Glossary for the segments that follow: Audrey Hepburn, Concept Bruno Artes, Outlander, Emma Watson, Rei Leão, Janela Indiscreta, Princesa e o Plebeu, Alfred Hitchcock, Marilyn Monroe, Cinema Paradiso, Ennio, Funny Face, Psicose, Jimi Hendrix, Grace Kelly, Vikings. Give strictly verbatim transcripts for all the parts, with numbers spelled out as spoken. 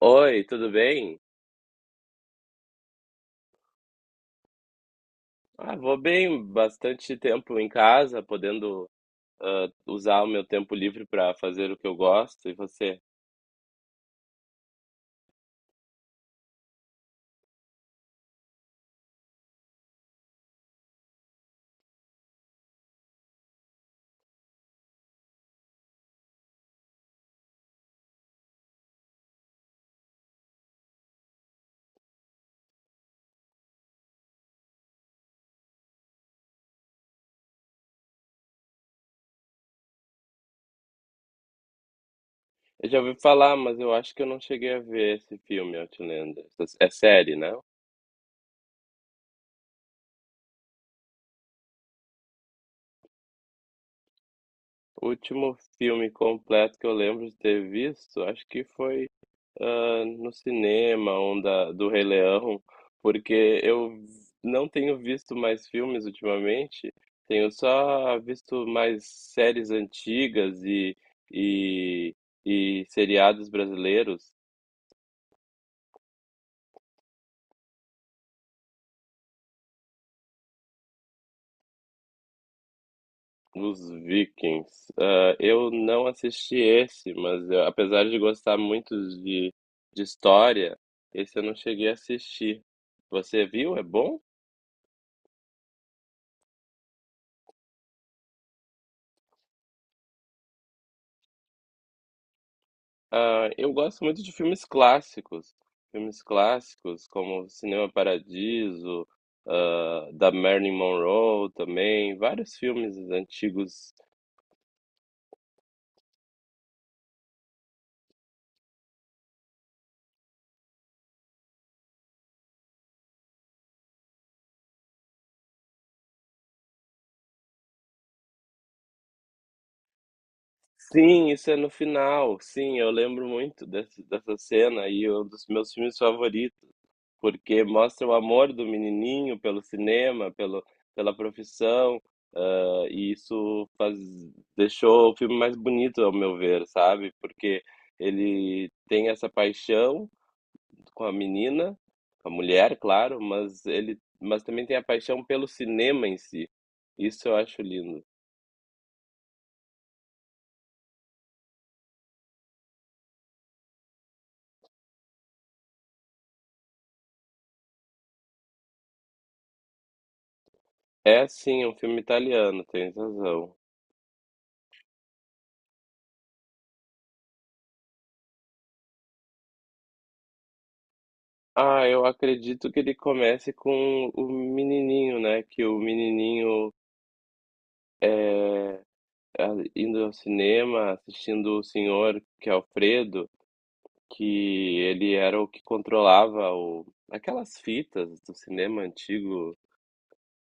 Oi, tudo bem? Ah, vou bem, bastante tempo em casa, podendo ah, usar o meu tempo livre para fazer o que eu gosto. E você? Eu já ouvi falar, mas eu acho que eu não cheguei a ver esse filme, Outlander. É série, né? O último filme completo que eu lembro de ter visto, acho que foi ah, no cinema, um da, do Rei Leão, porque eu não tenho visto mais filmes ultimamente, tenho só visto mais séries antigas e, e, e seriados brasileiros, os Vikings. Ah, eu não assisti esse, mas eu- apesar de gostar muito de, de história, esse eu não cheguei a assistir. Você viu? É bom? Ah, eu gosto muito de filmes clássicos. Filmes clássicos como Cinema Paradiso, ah, da Marilyn Monroe também, vários filmes antigos. Sim, isso é no final. Sim, eu lembro muito desse- dessa cena e um dos meus filmes favoritos, porque mostra o amor do menininho pelo cinema, pelo, pela profissão. Ah, e isso faz, deixou o filme mais bonito, ao meu ver, sabe? Porque ele tem essa paixão com a menina, com a mulher, claro, mas ele, mas também tem a paixão pelo cinema em si. Isso eu acho lindo. É sim, é um filme italiano, tem razão. Ah, eu acredito que ele comece com o menininho, né? Que o menininho ah, indo ao cinema, assistindo o senhor, que é Alfredo, que ele era o que controlava o, aquelas fitas do cinema antigo,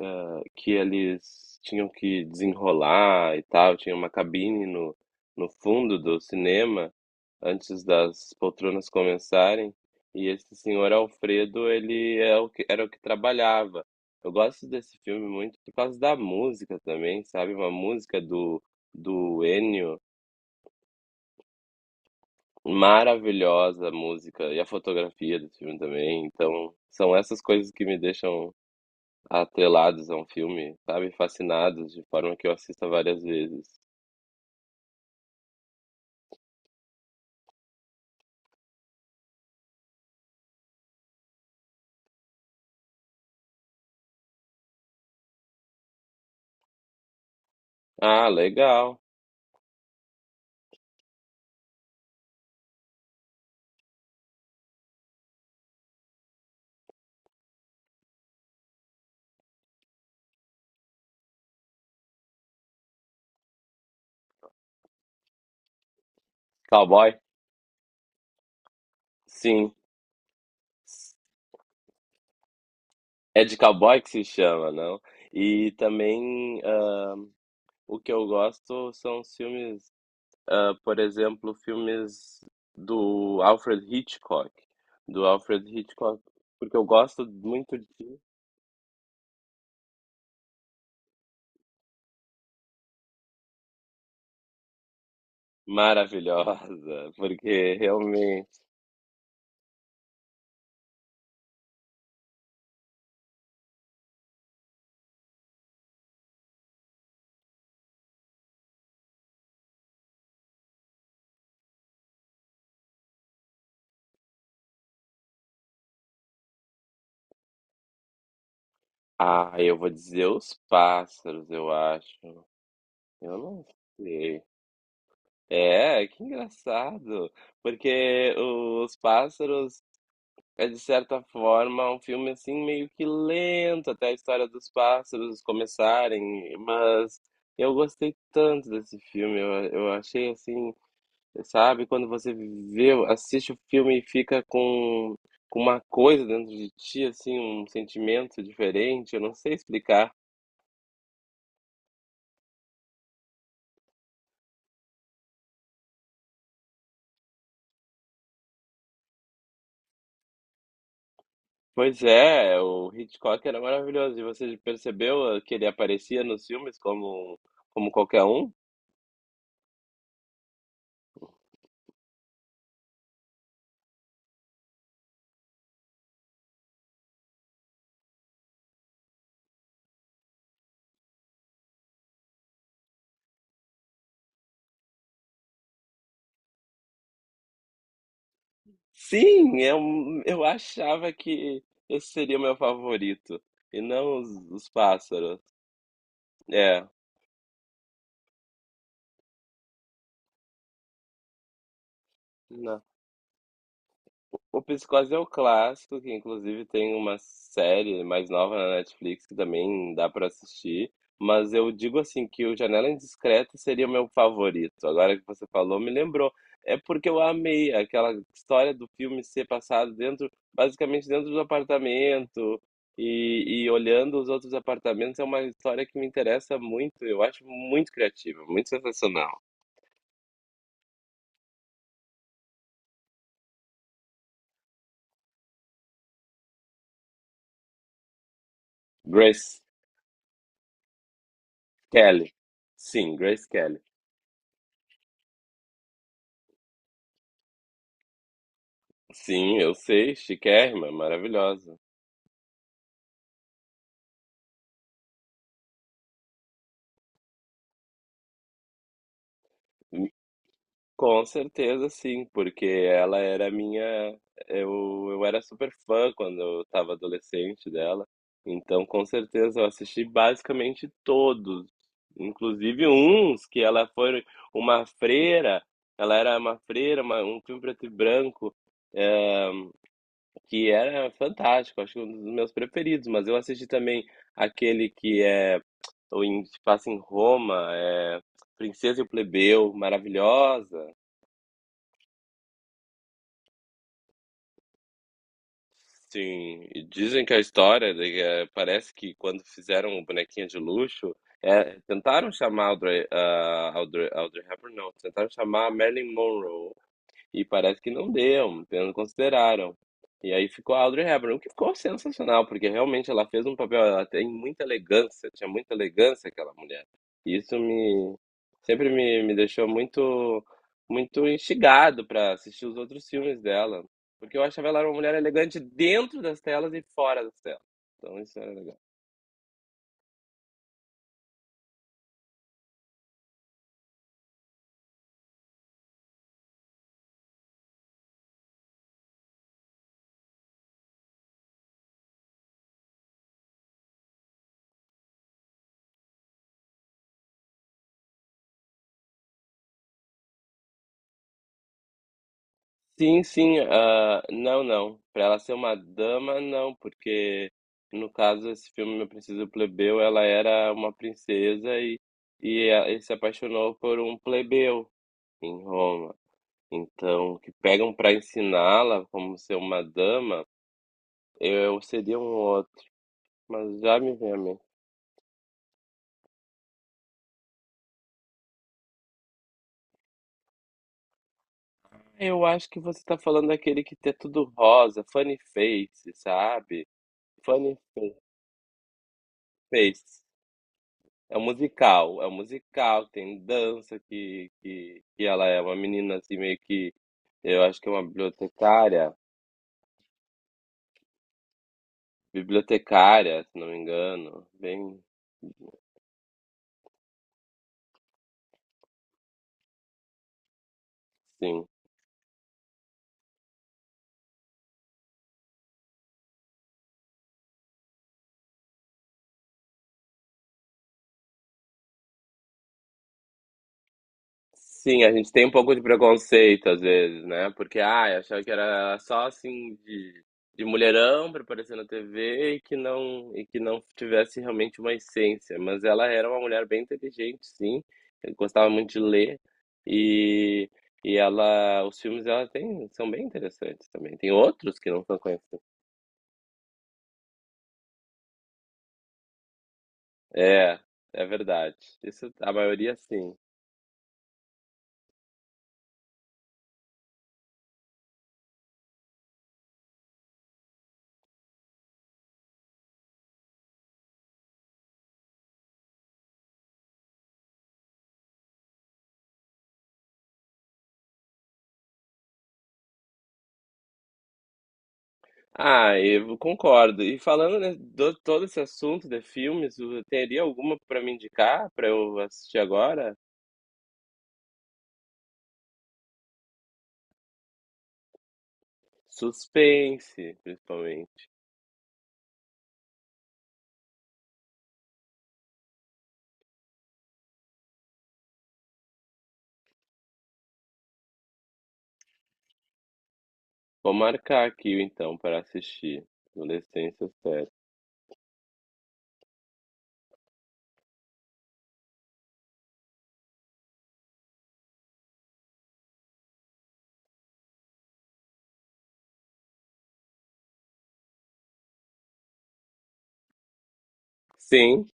ah, que eles tinham que desenrolar e tal, tinha uma cabine no, no fundo do cinema, antes das poltronas começarem, e esse senhor Alfredo, ele é o que, era o que trabalhava. Eu gosto desse filme muito por causa da música também, sabe? Uma música do, do Ennio. Maravilhosa a música e a fotografia do filme também. Então, são essas coisas que me deixam atrelados a um filme, sabe? Fascinados, de forma que eu assista várias vezes. Ah, legal. Cowboy? Sim. É de cowboy que se chama, não? E também ah, o que eu gosto são os filmes, ah, por exemplo, filmes do Alfred Hitchcock. Do Alfred Hitchcock, porque eu gosto muito de maravilhosa, porque realmente. Ah, eu vou dizer os pássaros, eu acho. Eu não sei. É, que engraçado, porque os pássaros é de certa forma um filme assim meio que lento até a história dos pássaros começarem, mas eu gostei tanto desse filme, eu, eu achei assim. Sabe? Quando você vê, assiste o filme e fica com, com uma coisa dentro de ti, assim, um sentimento diferente, eu não sei explicar. Pois é, o Hitchcock era maravilhoso. E você percebeu eh, que ele aparecia nos filmes como, como qualquer um? Sim, eu, eu achava que esse seria o meu favorito, e não os, os pássaros. É, não. O Psicose é o clássico, que inclusive tem uma série mais nova na Netflix que também dá pra assistir, mas eu digo assim que o Janela Indiscreta seria o meu favorito. Agora que você falou, me lembrou. É porque eu amei aquela história do filme ser passado dentro, basicamente dentro do apartamento e, e olhando os outros apartamentos. É uma história que me interessa muito. Eu acho muito criativa, muito sensacional. Grace Kelly. Sim, Grace Kelly. Sim, eu sei, chiquérrima, maravilhosa. Hum, Com certeza, sim, porque ela era minha. Eu, eu era super fã quando eu estava adolescente dela. Então, com certeza, eu assisti basicamente todos, inclusive uns que ela foi uma freira. Ela era uma freira, uma- um filme preto e branco, eh, que era fantástico, acho que um dos meus preferidos. Mas eu assisti também aquele que é, ou em, se passa em Roma, é Princesa e o Plebeu, maravilhosa. Sim, e dizem que a história de que, eh, parece que quando fizeram o bonequinho de luxo, é, tentaram chamar Audrey, ah, Audrey, Audrey Hepburn, não, tentaram chamar a Marilyn Monroe, e parece que não deu, então não consideraram. E aí ficou a Audrey Hepburn, o que ficou sensacional, porque realmente ela fez um papel, ela tem muita elegância, tinha muita elegância aquela mulher. E isso me sempre me, me deixou muito muito instigado para assistir os outros filmes dela, porque eu achava ela uma mulher elegante dentro das telas e fora das telas. Então isso era legal. Sim, sim. Ah, não, não, para ela ser uma dama, não, porque no caso esse filme Meu Preciso Plebeu, ela era uma princesa e, e a- ele se apaixonou por um plebeu em Roma. Então, o que pegam para ensiná-la como ser uma dama, eu seria um outro. Mas já me vem a mim. Eu acho que você tá falando daquele que tem tudo rosa, funny face, sabe? Funny fa- face. É um musical, é um musical, tem dança que, que, que ela é uma menina assim meio que, eu acho que é uma bibliotecária, bibliotecária, se não me engano, bem sim. Sim, a gente tem um pouco de preconceito às vezes, né? Porque, ai, achava que era só assim de, de mulherão pra aparecer na T V e que não e que não tivesse realmente uma essência. Mas ela era uma mulher bem inteligente, sim. Eu gostava muito de ler e e ela, os filmes dela tem, são bem interessantes também. Tem outros que não são conhecidos. É, é verdade. Isso, a maioria sim. Ah, eu concordo. E falando, né, do todo esse assunto de filmes, o- teria alguma para me indicar para eu assistir agora? Suspense, principalmente. Vou marcar aqui então para assistir. Adolescência série. Sim.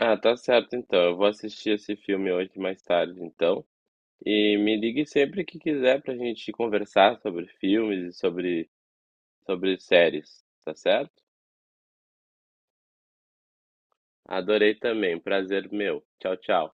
Ah, tá certo então. Eu vou assistir esse filme hoje mais tarde, então. E me ligue sempre que quiser pra gente conversar sobre filmes e sobre sobre séries, tá certo? Adorei também. Prazer meu. Tchau, tchau.